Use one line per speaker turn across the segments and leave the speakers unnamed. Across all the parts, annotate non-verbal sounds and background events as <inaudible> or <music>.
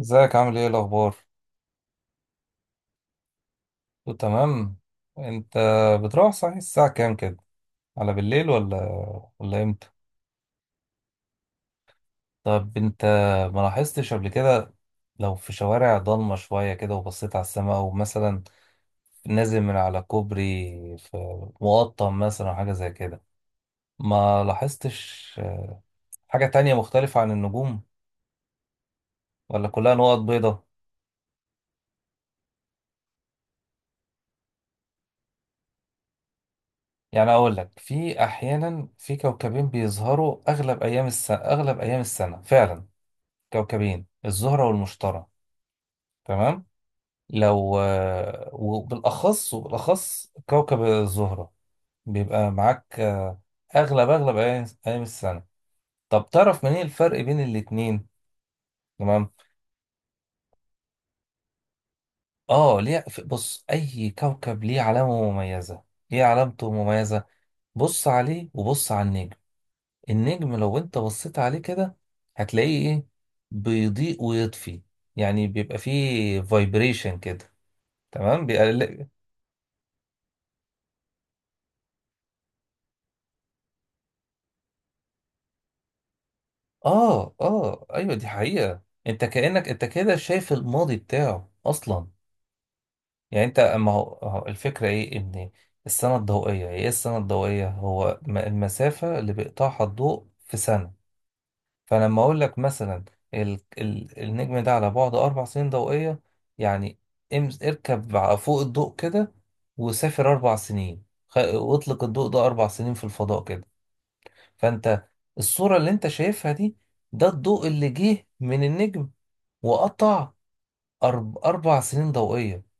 ازيك عامل ايه الاخبار؟ كله تمام. انت بتروح صحيح الساعه كام كده؟ على بالليل ولا امتى؟ طب انت ما لاحظتش قبل كده، لو في شوارع ضلمه شويه كده وبصيت على السماء او مثلا نازل من على كوبري في مقطم مثلا او حاجه زي كده، ما لاحظتش حاجه تانية مختلفه عن النجوم، ولا كلها نقط بيضاء؟ يعني اقول لك في احيانا في كوكبين بيظهروا اغلب ايام السنه فعلا، كوكبين، الزهرة والمشتري. تمام. لو وبالأخص كوكب الزهرة بيبقى معاك، أغلب أيام السنة. طب تعرف منين الفرق بين الاتنين؟ تمام. آه ليه، بص، أي كوكب ليه علامة مميزة، ليه علامته مميزة. بص عليه وبص على النجم. النجم لو أنت بصيت عليه كده، هتلاقيه إيه؟ بيضيء ويطفي، يعني بيبقى فيه فايبريشن كده. تمام. اه، اه، ايوه، دي حقيقة. انت كأنك انت كده شايف الماضي بتاعه اصلا. يعني انت اما هو الفكرة ايه، ان السنة الضوئية ايه؟ السنة الضوئية هو المسافة اللي بيقطعها الضوء في سنة. فلما اقول لك مثلا النجم ده على بعد 4 سنين ضوئية، يعني اركب فوق الضوء كده، وسافر 4 سنين واطلق الضوء ده 4 سنين في الفضاء كده، فانت الصورة اللي انت شايفها دي، ده الضوء اللي جه من النجم وقطع 4 سنين ضوئية.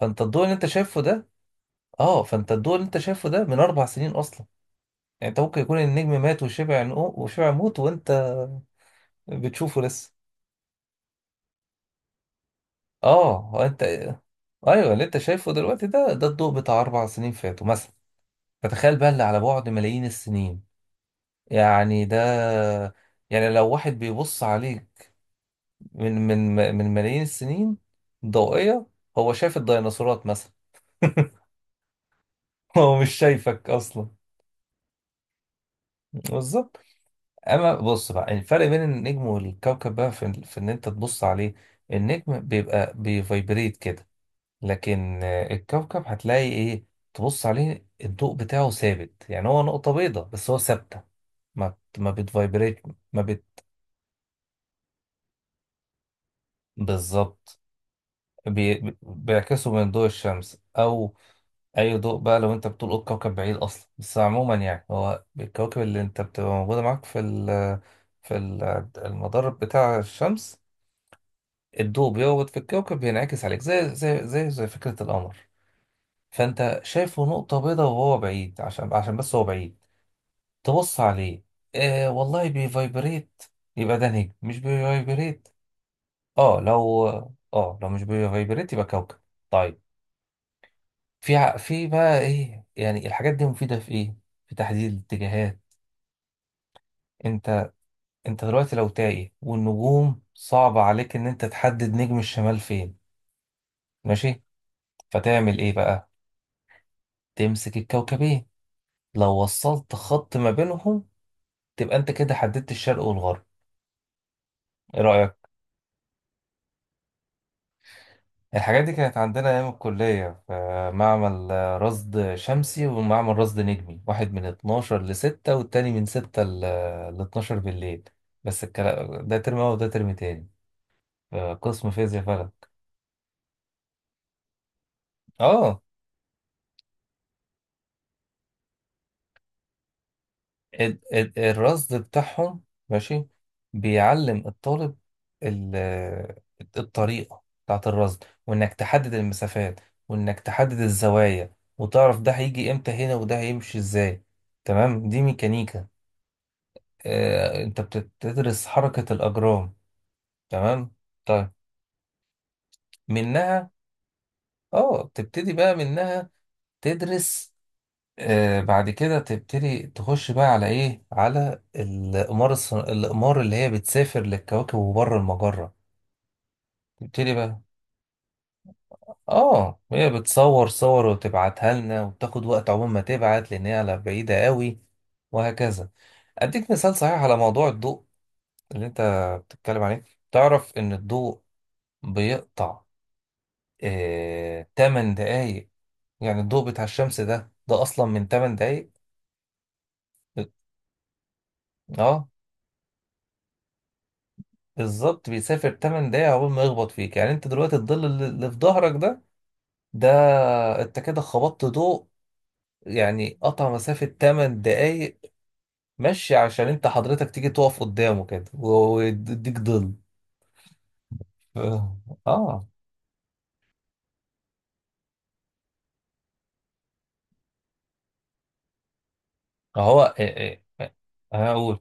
فانت الضوء اللي انت شايفه ده، اه، فانت الضوء اللي انت شايفه ده من 4 سنين أصلا. يعني انت ممكن يكون النجم مات وشبع، وشبع موت، وانت بتشوفه لسه. اه، هو انت. ايوه، اللي انت شايفه دلوقتي ده الضوء بتاع 4 سنين فاتوا مثلا. فتخيل بقى اللي على بعد ملايين السنين. يعني ده، يعني لو واحد بيبص عليك من ملايين السنين ضوئية، هو شايف الديناصورات مثلا. <laughs> هو مش شايفك أصلا. بالظبط. أما بص بقى الفرق بين النجم والكوكب بقى في إن أنت تبص عليه. النجم بيبقى بيفايبريت كده، لكن الكوكب هتلاقي إيه؟ تبص عليه الضوء بتاعه ثابت، يعني هو نقطة بيضاء بس هو ثابتة. ما بتفايبريت. ما بت بالظبط. بيعكسوا من ضوء الشمس، أو اي ضوء بقى لو انت بتطول الكوكب بعيد اصلا، بس عموما يعني هو الكواكب اللي انت بتبقى موجوده معاك في ال- المدار بتاع الشمس. الضوء بيقعد في الكوكب بينعكس عليك، زي فكره القمر، فانت شايفه نقطه بيضاء وهو بعيد، عشان بس هو بعيد. تبص عليه، آه والله بيفايبريت، يبقى ده نجم، مش بيفايبريت. اه، لو. اه، لو مش بيفايبريت يبقى كوكب. طيب. في في بقى ايه يعني الحاجات دي مفيده في ايه؟ في تحديد الاتجاهات. انت انت دلوقتي لو تايه والنجوم، صعب عليك ان انت تحدد نجم الشمال فين، ماشي، فتعمل ايه بقى؟ تمسك الكوكبين، لو وصلت خط ما بينهم، تبقى انت كده حددت الشرق والغرب. ايه رأيك؟ الحاجات دي كانت عندنا ايام الكلية في معمل رصد شمسي ومعمل رصد نجمي، واحد من 12 ل 6 والتاني من 6 ل 12 بالليل. بس الكلام ده ترم اول وده ترم تاني. قسم فيزياء فلك. اه. الرصد بتاعهم، ماشي، بيعلم الطالب ال- الطريقة بتاعت الرصد، وإنك تحدد المسافات، وإنك تحدد الزوايا، وتعرف ده هيجي إمتى هنا وده هيمشي إزاي. تمام، دي ميكانيكا. أنت بتدرس حركة الأجرام. تمام. طيب منها، تبتدي بقى منها تدرس. بعد كده تبتدي تخش بقى على ايه؟ على الأقمار، الأقمار اللي هي بتسافر للكواكب وبره المجرة. تبتدي بقى، اه، هي بتصور صور وتبعتها لنا، وبتاخد وقت عقبال ما تبعت، لأن هي على بعيدة قوي، وهكذا. أديك مثال صحيح على موضوع الضوء اللي أنت بتتكلم عليه. تعرف إن الضوء بيقطع 8 دقايق؟ يعني الضوء بتاع الشمس ده أصلا من 8 دقايق. اه، بالظبط، بيسافر 8 دقايق عقبال ما يخبط فيك. يعني انت دلوقتي الظل اللي في ظهرك ده، ده انت كده خبطت ضوء، يعني قطع مسافة 8 دقايق مشي، عشان انت حضرتك تيجي تقف قدامه كده ويديك ظل. اه. آه. هو إيه؟ انا اقول،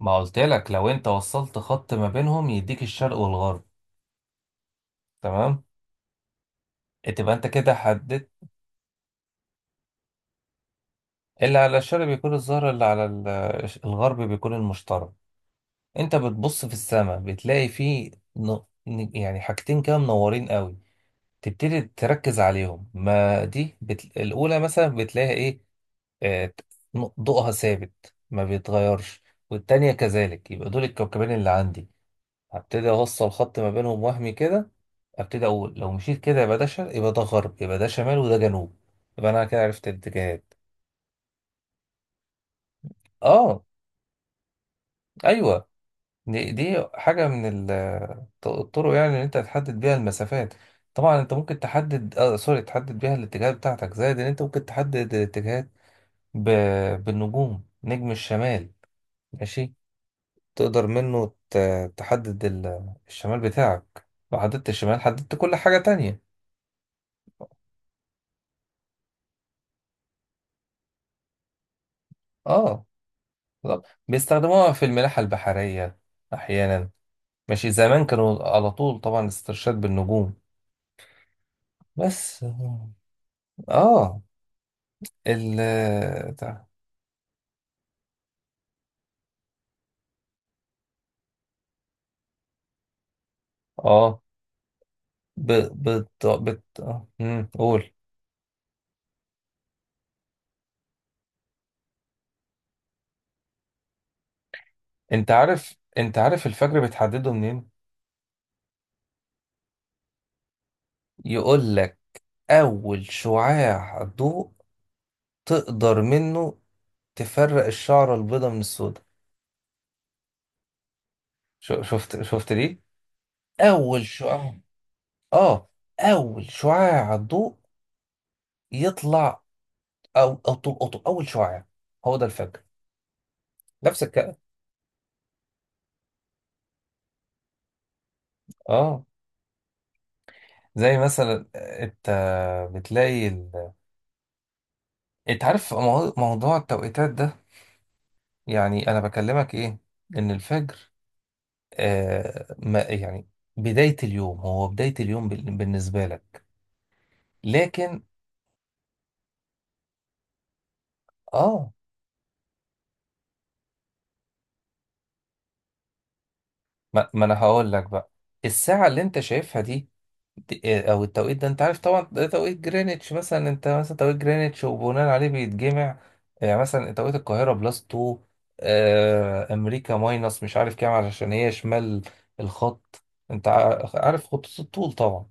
ما قلت لك لو انت وصلت خط ما بينهم يديك الشرق والغرب، تمام؟ تبقى انت كده حددت. اللي على الشرق بيكون الزهرة، اللي على الغرب بيكون المشترك. انت بتبص في السماء بتلاقي فيه يعني حاجتين كده منورين قوي، تبتدي تركز عليهم، ما دي الاولى مثلا بتلاقي ايه؟ آه... ت- ضوءها ثابت ما بيتغيرش، والتانية كذلك، يبقى دول الكوكبين اللي عندي. هبتدي اوصل خط ما بينهم وهمي كده، ابتدي اقول لو مشيت كده يبقى ده شرق، يبقى ده غرب، يبقى ده شمال، وده جنوب. يبقى انا كده عرفت الاتجاهات. اه. ايوه. دي حاجة من الطرق، يعني إن أنت تحدد بيها المسافات. طبعا أنت ممكن تحدد، آه سوري تحدد بيها الاتجاهات بتاعتك، زائد إن أنت ممكن تحدد الاتجاهات ب... بالنجوم، نجم الشمال، ماشي، تقدر منه تحدد الشمال بتاعك. لو حددت الشمال، حددت كل حاجة تانية. اه، بالظبط. بيستخدموها في الملاحة البحرية أحيانا. ماشي، زمان كانوا على طول طبعا استرشاد بالنجوم. بس. اه. ال اه ب... بت... بت... آه، مم. قول. انت عارف الفجر بتحدده منين؟ يقول لك اول شعاع ضوء تقدر منه تفرق الشعرة البيضاء من السوداء. شفت دي، اول شعاع. اه. اول شعاع ضوء يطلع، او او طول أو طول- اول شعاع، هو ده الفجر. نفس الكلام. اه. زي مثلا، انت بتلاقي انت عارف موضوع التوقيتات ده، يعني انا بكلمك ايه؟ ان الفجر، ما يعني بداية اليوم، هو بداية اليوم بالنسبة لك، لكن. اه. ما انا هقول لك بقى، الساعة اللي انت شايفها دي، او التوقيت ده، انت عارف طبعا ده توقيت جرeenwich مثلا، انت مثلا توقيت جرeenwich، وبناء عليه بيتجمع. يعني مثلا توقيت القاهرة بلس 2، امريكا ماينس مش عارف كام، علشان هي شمال الخط. انت عارف خطوط الطول طبعا،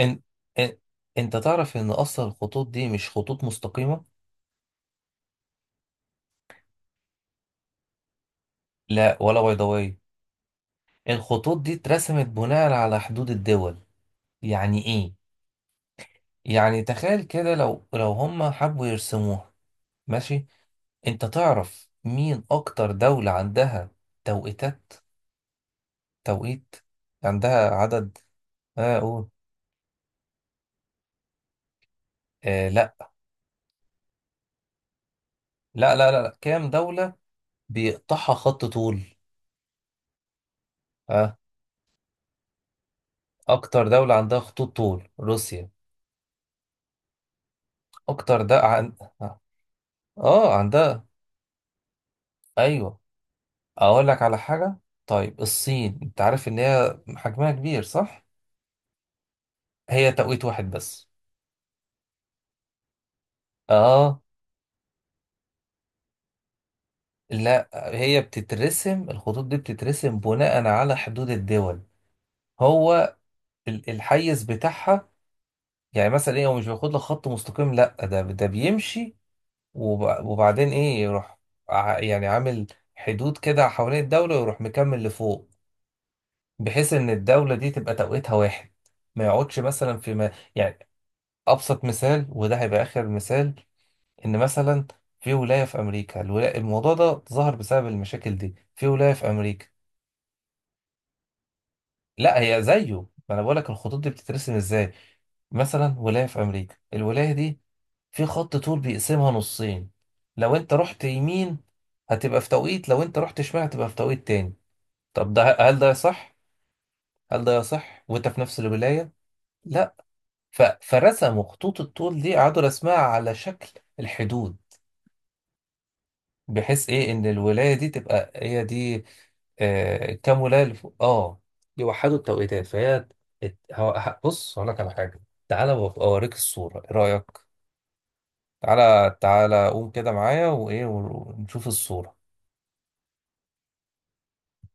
ان ان انت تعرف ان اصلا الخطوط دي مش خطوط مستقيمة. لا، ولا بيضاوية، الخطوط دي اترسمت بناء على حدود الدول. يعني ايه؟ يعني تخيل كده، لو هم حبوا يرسموها، ماشي. انت تعرف مين اكتر دولة عندها توقيتات؟ توقيت عندها عدد. اه قول. لا، لا، لا، لا، لا. كام دولة بيقطعها خط طول؟ اه. اكتر دولة عندها خطوط طول روسيا. اكتر ده اه، عندها. ايوه، اقول لك على حاجه. طيب الصين، انت عارف ان هي حجمها كبير، صح؟ هي توقيت واحد بس. اه. لا، هي بتترسم الخطوط دي بتترسم بناء على حدود الدول، هو الحيز بتاعها. يعني مثلا ايه، هو مش بياخد لك خط مستقيم، لا ده بيمشي وبعدين ايه، يروح، يعني عامل حدود كده حوالين الدوله ويروح مكمل لفوق، بحيث ان الدوله دي تبقى توقيتها واحد، ما يقعدش مثلا في، ما يعني، ابسط مثال وده هيبقى اخر مثال، ان مثلا في ولايه في امريكا، الولاية، الموضوع ده ظهر بسبب المشاكل دي، في ولايه في امريكا. لا، هي زيه. ما انا بقول لك الخطوط دي بتترسم ازاي. مثلا ولايه في امريكا، الولايه دي في خط طول بيقسمها نصين، لو انت رحت يمين هتبقى في توقيت، لو انت رحت شمال هتبقى في توقيت تاني. طب هل ده صح؟ هل ده يصح وانت في نفس الولايه؟ لا. فرسموا خطوط الطول دي، قعدوا رسمها على شكل الحدود، بحيث ايه ان الولايه دي تبقى هي دي. كام ولايه اللي فوق؟ اه. يوحدوا التوقيتات، فهي بص هقول لك على حاجه، تعالى وأبقى اوريك الصوره، ايه رايك؟ تعالى تعالى، قوم كده معايا وايه ونشوف الصوره.